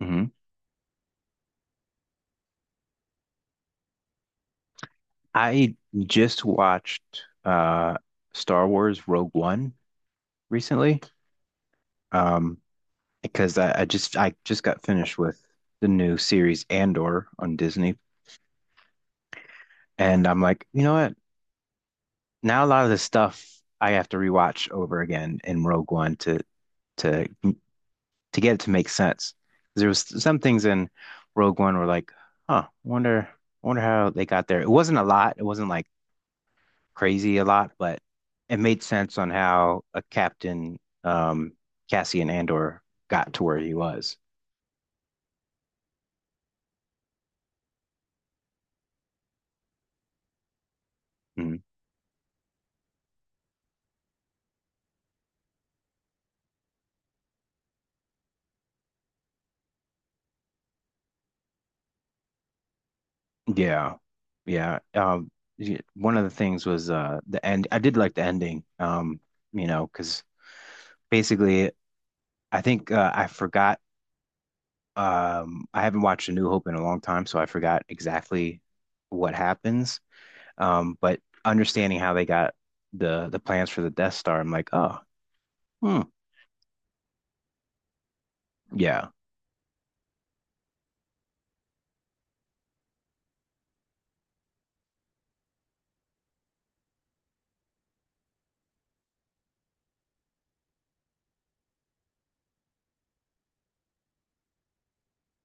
Mhm. I just watched uh Star Wars Rogue One recently. Um, because I just got finished with the new series Andor on Disney. And I'm like, you know what? Now a lot of this stuff I have to rewatch over again in Rogue One to to get it to make sense. 'Cause there was some things in Rogue One were like, huh, wonder how they got there. It wasn't a lot. It wasn't like crazy a lot, but it made sense on how a captain, Cassian Andor got to where he was. Mm. Yeah. Yeah. One of the things was the end. I did like the ending. Because basically, I think I forgot. I haven't watched A New Hope in a long time, so I forgot exactly what happens. But understanding how they got the plans for the Death Star, I'm like, oh, hmm, yeah.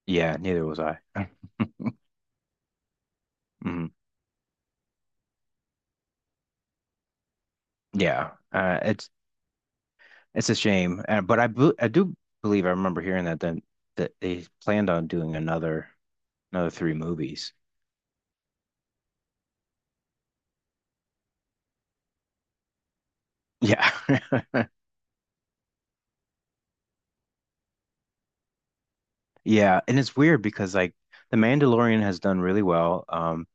Yeah, neither was I. Mhm. Yeah, it's a shame, but I do believe I remember hearing that then that they planned on doing another three movies. Yeah, yeah, and it's weird because like The Mandalorian has done really well.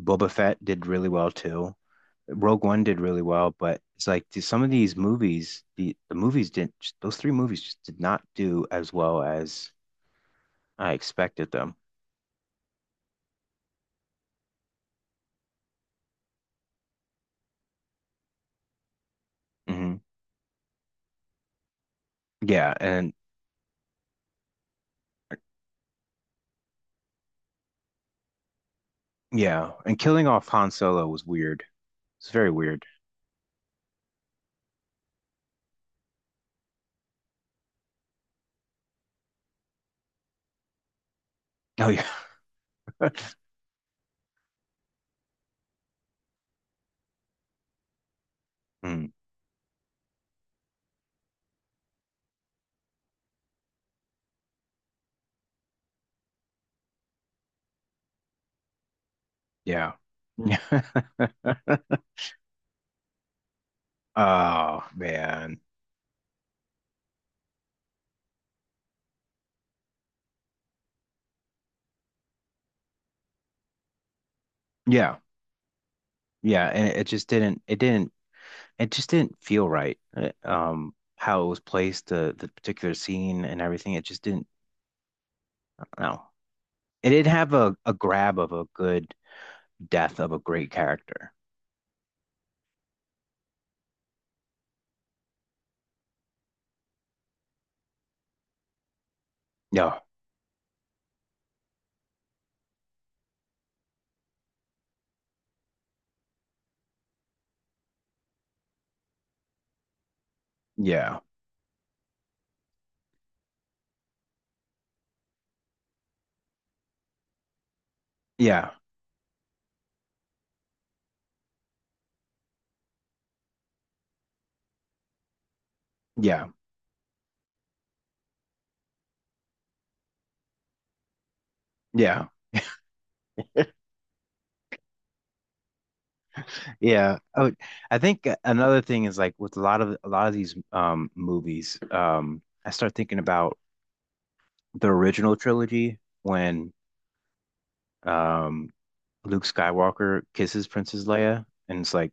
Boba Fett did really well too. Rogue One did really well, but it's like some of these movies, the movies didn't. Those three movies just did not do as well as I expected them. Hmm. Yeah, and yeah, and killing off Han Solo was weird. It's very weird. Oh yeah, mm, yeah, yeah. Oh man, yeah, yeah, and it just didn't. It didn't. It just didn't feel right. How it was placed, the particular scene and everything. It just didn't. No, it didn't have a grab of a good death of a great character. No, yeah, yeah, yeah, yeah. Yeah, I would, I think another thing is like with a lot of these movies, I start thinking about the original trilogy when um Luke Skywalker kisses Princess Leia, and it's like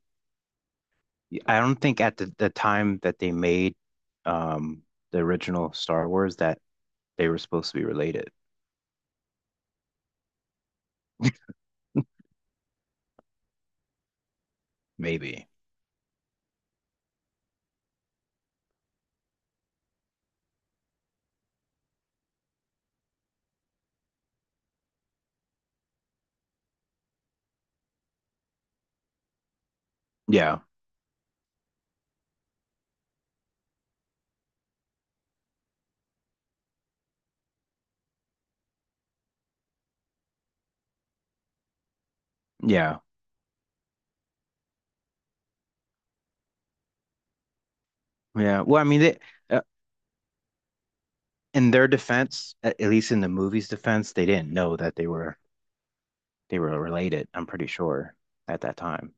I don't think at the time that they made um the original Star Wars that they were supposed to be related. Maybe. Yeah. Yeah. Yeah. Well, I mean, uh, in their defense, at least in the movie's defense, they didn't know that they were related, I'm pretty sure, at that time.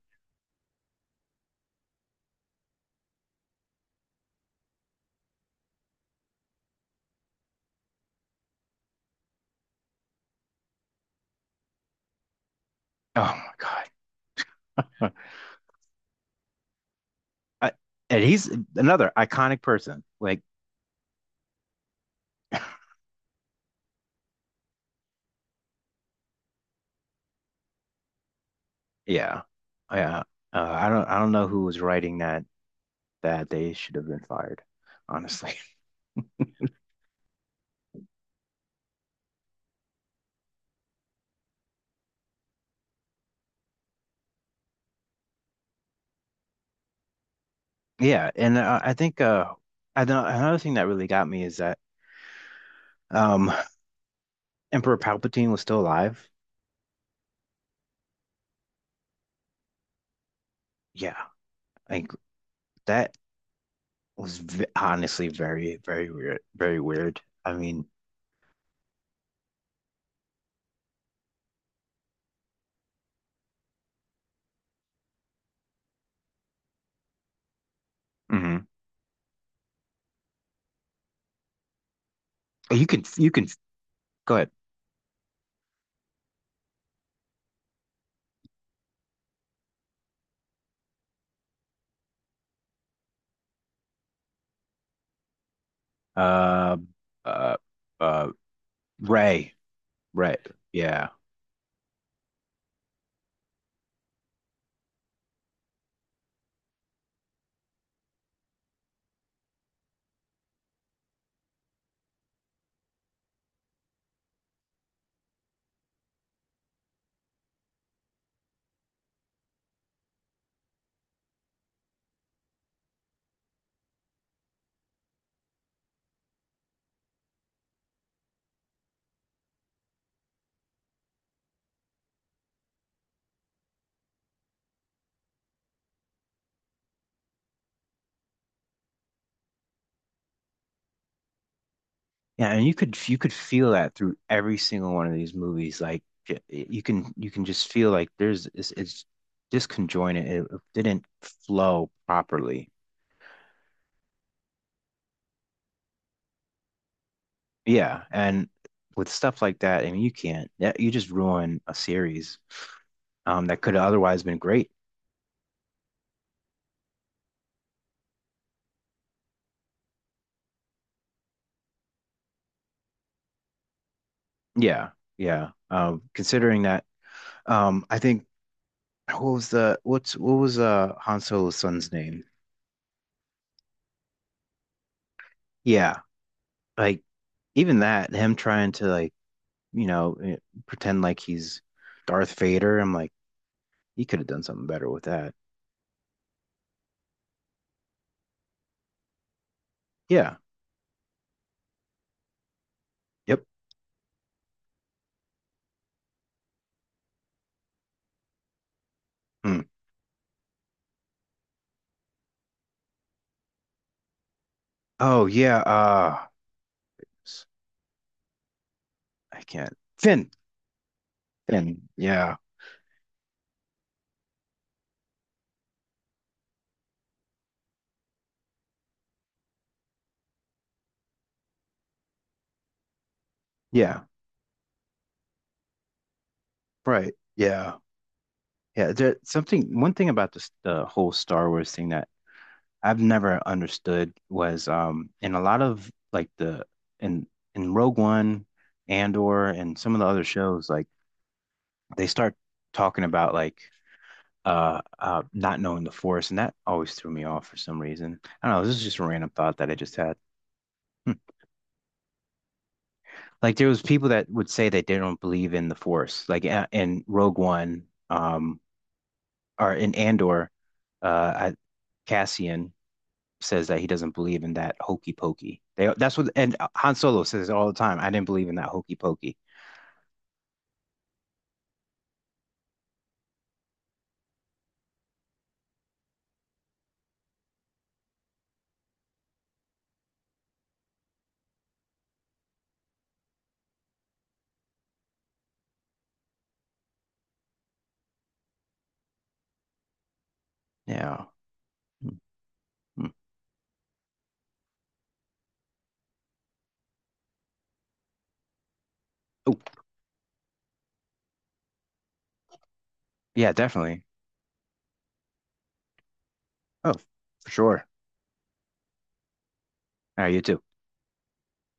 Oh my God. I, and he's another iconic person. Like, yeah, yeah. I don't know who was writing that. That they should have been fired, honestly. Yeah, and I think I don't, another thing that really got me is that um, Emperor Palpatine was still alive. Yeah, like that was v honestly very, very weird, very weird. I mean, mhm. You can go ahead. Uh, uh, uh, Ray, Ray. Yeah. Yeah, and you could feel that through every single one of these movies. Like you can just feel like there's it's disconjointed. It didn't flow properly. Yeah, and with stuff like that, I mean, you can't. You just ruin a series that could have otherwise been great. Yeah, yeah. I think what was Han Solo's son's name? Yeah, like even that him trying to like you know, eh, pretend like he's Darth Vader. I'm like, he could have done something better with that. Yeah. Yep. Hmm. Oh yeah. I can't. Finn. Finn. Yeah. Yeah. Right. Yeah. Yeah. There, something. One thing about this the whole Star Wars thing that I've never understood was in a lot of like the in in Rogue One, Andor, and some of the other shows like they start talking about like not knowing the force, and that always threw me off for some reason. I don't know. This is just a random thought that I just had. Hmm. Like there was people that would say that they don't believe in the force, in Rogue One, or in Andor, uh, I, Cassian says that he doesn't believe in that hokey pokey. They that's what and Han Solo says it all the time. I didn't believe in that hokey pokey. Yeah. Mhm. Oh, yeah, definitely. Oh, for sure. All right, you too.